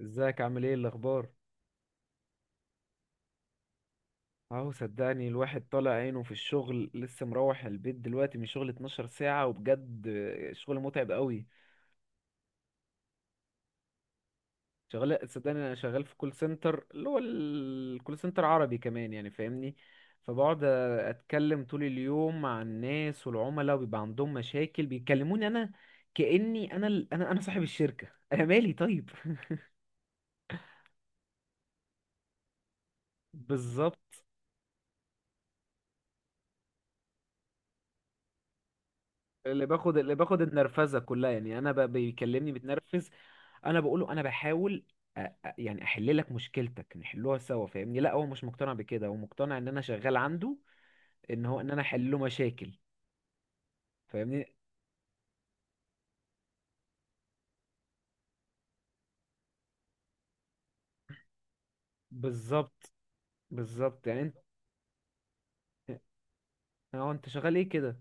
ازيك عامل ايه الاخبار؟ اهو صدقني، الواحد طالع عينه في الشغل، لسه مروح البيت دلوقتي من شغل 12 ساعة، وبجد شغل متعب قوي. شغال صدقني، انا شغال في كول سنتر، اللي هو الكول سنتر عربي كمان، يعني فاهمني. فبقعد اتكلم طول اليوم مع الناس والعملاء، وبيبقى عندهم مشاكل بيكلموني انا، كأني انا انا صاحب الشركة انا مالي طيب بالظبط. اللي باخد النرفزه كلها، يعني انا بيكلمني متنرفز. انا بقول له انا بحاول أ- يعني احل لك مشكلتك، نحلوها سوا، فاهمني؟ لا هو مش مقتنع بكده، هو مقتنع ان انا شغال عنده، ان هو ان انا احل له مشاكل، فاهمني؟ بالظبط بالظبط يعني انت. هو انت شغال ايه كده؟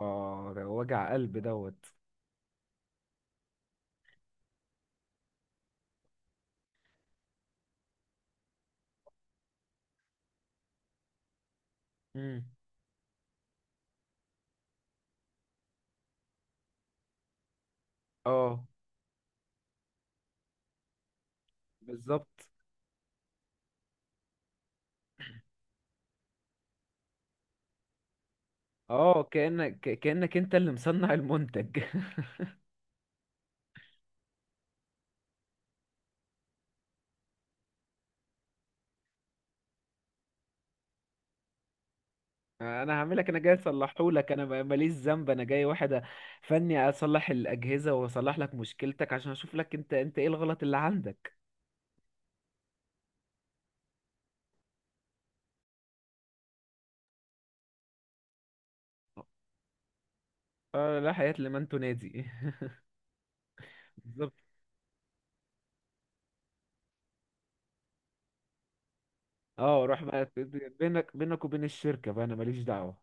اه ده وجع قلب دوت. امم. اه بالظبط. اه كأنك انت اللي مصنع المنتج انا هعملك، انا جاي اصلحه لك، انا ماليش ذنب، انا جاي واحد فني اصلح الاجهزه واصلح لك مشكلتك، عشان اشوف لك انت ايه الغلط اللي عندك. آه، لا حياه لمن تنادي بالظبط. اه روح بقى. بينك وبين الشركه، بقى انا ماليش دعوه.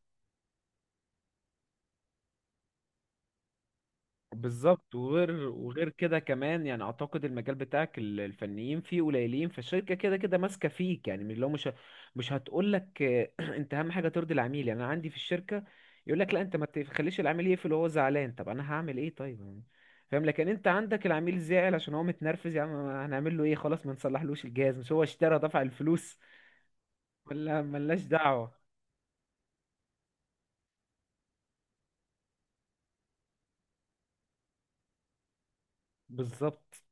بالظبط. وغير كده كمان، يعني اعتقد المجال بتاعك الفنيين فيه قليلين، فالشركه كده كده ماسكه فيك، يعني من لو مش هتقول لك انت اهم حاجه ترضي العميل. يعني انا عندي في الشركه يقول لك، لا انت ما تخليش العميل يقفل وهو زعلان، طب انا هعمل ايه طيب يعني؟ فاهم؟ لكن انت عندك العميل زعل عشان هو متنرفز، يعني هنعمل له ايه؟ خلاص ما نصلحلوش الجهاز؟ مش هو اشترى دفع الفلوس؟ ولا ملناش دعوه؟ بالظبط.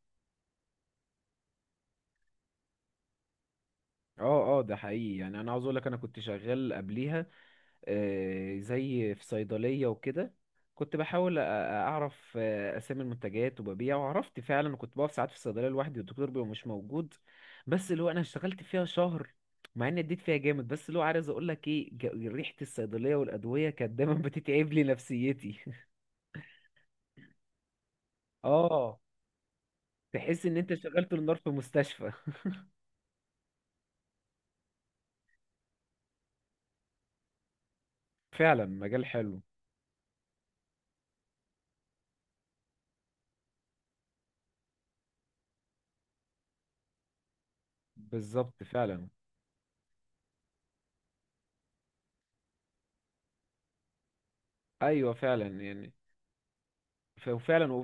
اه اه ده حقيقي، يعني انا عاوز اقول لك انا كنت شغال قبليها، آه، زي في صيدلية وكده. كنت بحاول أعرف أسامي المنتجات وببيع، وعرفت فعلا، كنت بقف ساعات في الصيدلية لوحدي والدكتور بيبقى مش موجود. بس اللي هو أنا اشتغلت فيها شهر، مع إني اديت فيها جامد، بس اللي هو عايز أقول لك إيه، ريحة الصيدلية والأدوية كانت دايما بتتعب لي نفسيتي اه. تحس إن أنت شغلت النار في مستشفى فعلا مجال حلو. بالظبط فعلا. أيوه فعلا، يعني وفعلا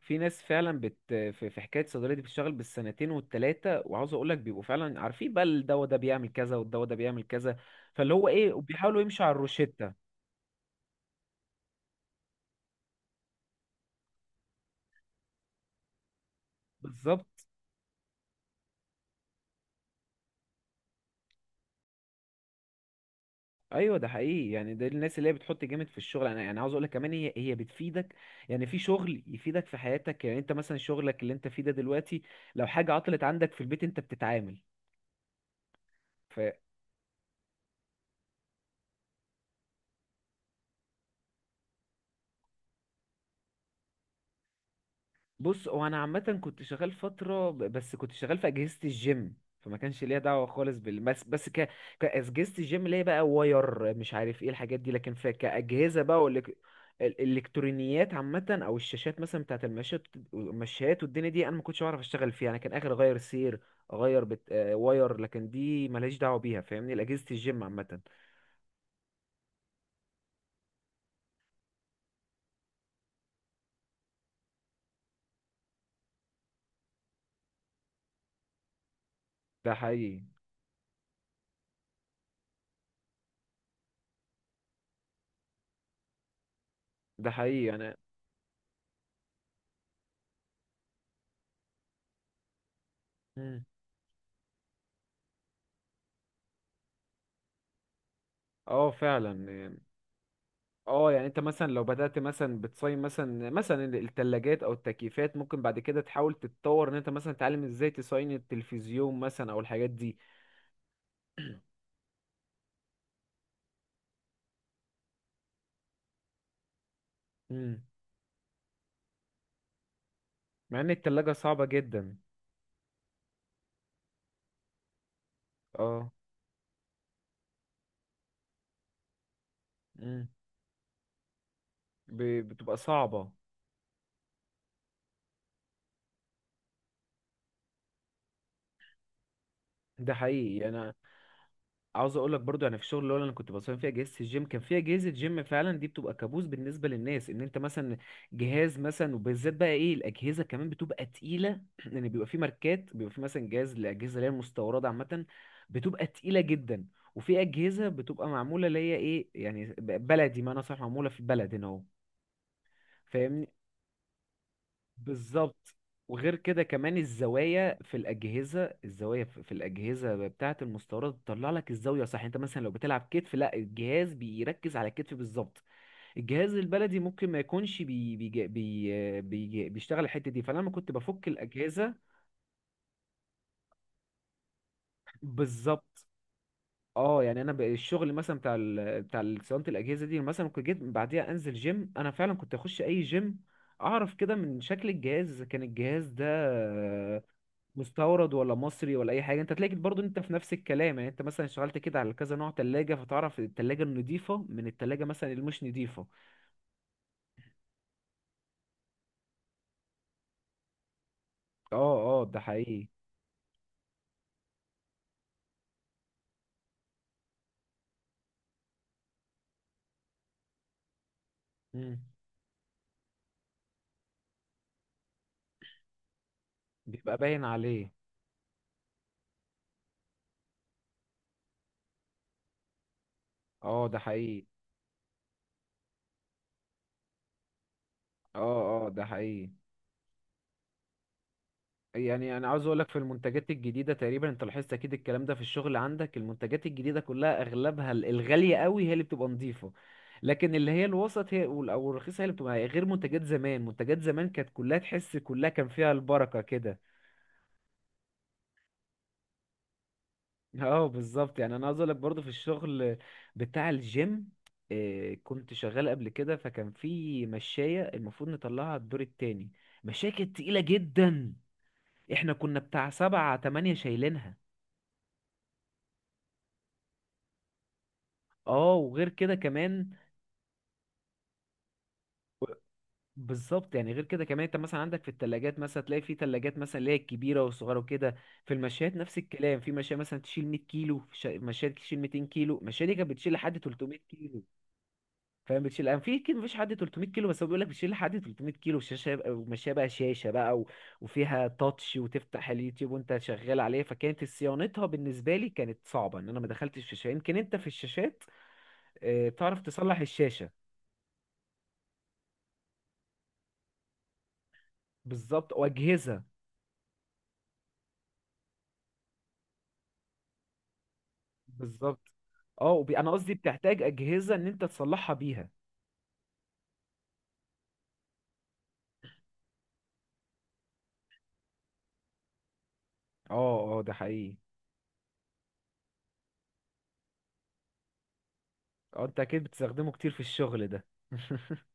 في ناس فعلا في حكايه الصيدليه دي بتشتغل بالسنتين والتلاته، وعاوز اقول لك بيبقوا فعلا عارفين بقى الدواء ده بيعمل كذا والدواء ده بيعمل كذا، فاللي هو ايه، وبيحاولوا يمشوا على الروشته. بالظبط. ايوه ده حقيقي، يعني ده الناس اللي هي بتحط جامد في الشغل. انا يعني عاوز اقول لك كمان، هي بتفيدك، يعني في شغل يفيدك في حياتك. يعني انت مثلا شغلك اللي انت فيه ده دلوقتي، لو حاجه عطلت عندك في البيت انت بتتعامل. بص، هو انا عامه كنت شغال فتره بس كنت شغال في اجهزه الجيم، فما كانش ليا دعوه خالص بال بس بس كاجهزه الجيم اللي هي بقى واير، مش عارف ايه الحاجات دي. لكن في كاجهزه بقى الالكترونيات عامه، او الشاشات مثلا بتاعه المشات والدنيا دي انا ما كنتش بعرف اشتغل فيها، انا كان اخر اغير سير، اغير بت... آه، واير، لكن دي ملهاش دعوه بيها، فاهمني؟ الاجهزه الجيم عامه. ده حقيقي. ده حقيقي انا. مم. اه فعلا يعني. اه يعني انت مثلا لو بدأت مثلا بتصين مثلا الثلاجات او التكييفات، ممكن بعد كده تحاول تتطور ان انت مثلا تتعلم ازاي تصين التلفزيون مثلا او الحاجات دي. امم. مع ان الثلاجة صعبة جدا. اه. امم. بتبقى صعبة. ده حقيقي انا عاوز اقول لك برضو، يعني في الشغل اللي هو انا كنت بصمم فيها اجهزه الجيم، كان فيها اجهزه جيم فعلا دي بتبقى كابوس بالنسبه للناس. ان انت مثلا جهاز مثلا، وبالذات بقى ايه، الاجهزه كمان بتبقى تقيله لان بيبقى في ماركات، بيبقى في مثلا جهاز، الاجهزه اللي هي المستورده عامه بتبقى تقيله جدا، وفي اجهزه بتبقى معموله اللي هي ايه يعني بلدي، ما انا صح، معموله في البلد هنا. اهو. بالظبط. وغير كده كمان الزوايا في الأجهزة، الزوايا في الأجهزة بتاعة المستوردة بتطلع لك الزاوية صح. انت مثلا لو بتلعب كتف، لا الجهاز بيركز على الكتف بالظبط. الجهاز البلدي ممكن ما يكونش بي بي بي بي بيشتغل الحتة دي فلما كنت بفك الأجهزة. بالظبط. اه يعني انا الشغل مثلا صيانه الاجهزه دي مثلا، كنت جيت بعديها انزل جيم انا، فعلا كنت اخش اي جيم اعرف كده من شكل الجهاز اذا كان الجهاز ده مستورد ولا مصري ولا اي حاجه. انت تلاقي برضو انت في نفس الكلام، يعني انت مثلا اشتغلت كده على كذا نوع تلاجة، فتعرف التلاجة النضيفة من التلاجة مثلا اللي مش نضيفة. اه اه ده حقيقي. مم. بيبقى باين عليه. اه ده حقيقي. اه اه ده حقيقي، يعني انا عاوز اقولك في المنتجات الجديده تقريبا، انت لاحظت اكيد الكلام ده في الشغل عندك، المنتجات الجديده كلها اغلبها الغاليه قوي هي اللي بتبقى نظيفه، لكن اللي هي الوسط هي او الرخيصه هي اللي بتبقى غير منتجات زمان. منتجات زمان كانت كلها، تحس كلها كان فيها البركه كده. اه بالظبط، يعني انا عاوز اقول لك برضه في الشغل بتاع الجيم، كنت شغال قبل كده، فكان في مشاية المفروض نطلعها الدور التاني، مشاية كانت تقيلة جدا، احنا كنا بتاع سبعة تمانية شايلينها. اه وغير كده كمان. بالظبط، يعني غير كده كمان انت مثلا عندك في التلاجات، مثلا تلاقي في تلاجات مثلا اللي هي الكبيرة والصغيرة وكده، في المشايات نفس الكلام، في مشاية مثلا تشيل 100 كيلو، في مشاية تشيل 200 كيلو، المشاية دي كانت بتشيل لحد 300 كيلو. فاهم بتشيل انا في كيلو مفيش حد 300 كيلو، بس هو بيقول لك بتشيل لحد 300 كيلو. شاشه وماشيه بقى، شاشه بقى وفيها تاتش وتفتح اليوتيوب وانت شغال عليه، فكانت صيانتها بالنسبه لي كانت صعبه ان انا ما دخلتش في الشاشه. يمكن انت في الشاشات تعرف تصلح الشاشه. بالظبط واجهزه. بالظبط. اه انا قصدي بتحتاج اجهزه ان انت تصلحها بيها. اه اه ده حقيقي. اه انت اكيد بتستخدمه كتير في الشغل ده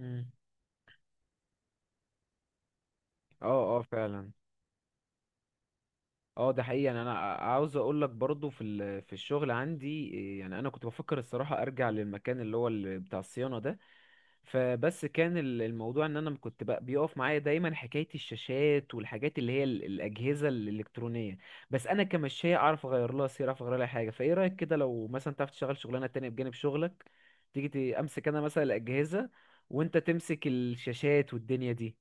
مم. اه اه فعلا. اه ده حقيقي، يعني انا عاوز اقول لك برضو في في الشغل عندي إيه، يعني انا كنت بفكر الصراحه ارجع للمكان اللي هو بتاع الصيانه ده، فبس كان الموضوع ان انا كنت بقى بيقف معايا دايما حكايه الشاشات والحاجات اللي هي الاجهزه الالكترونيه. بس انا كمشاية اعرف اغير لها سير، اعرف اغير لها حاجه. فايه رايك كده لو مثلا تعرف تشتغل شغلانه تانية بجانب شغلك، تيجي امسك انا مثلا الاجهزه وانت تمسك الشاشات والدنيا دي.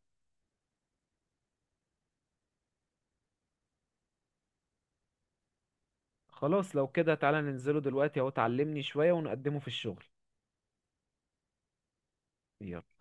خلاص لو كده تعالى ننزله دلوقتي اهو، تعلمني شويه ونقدمه في الشغل. يلا.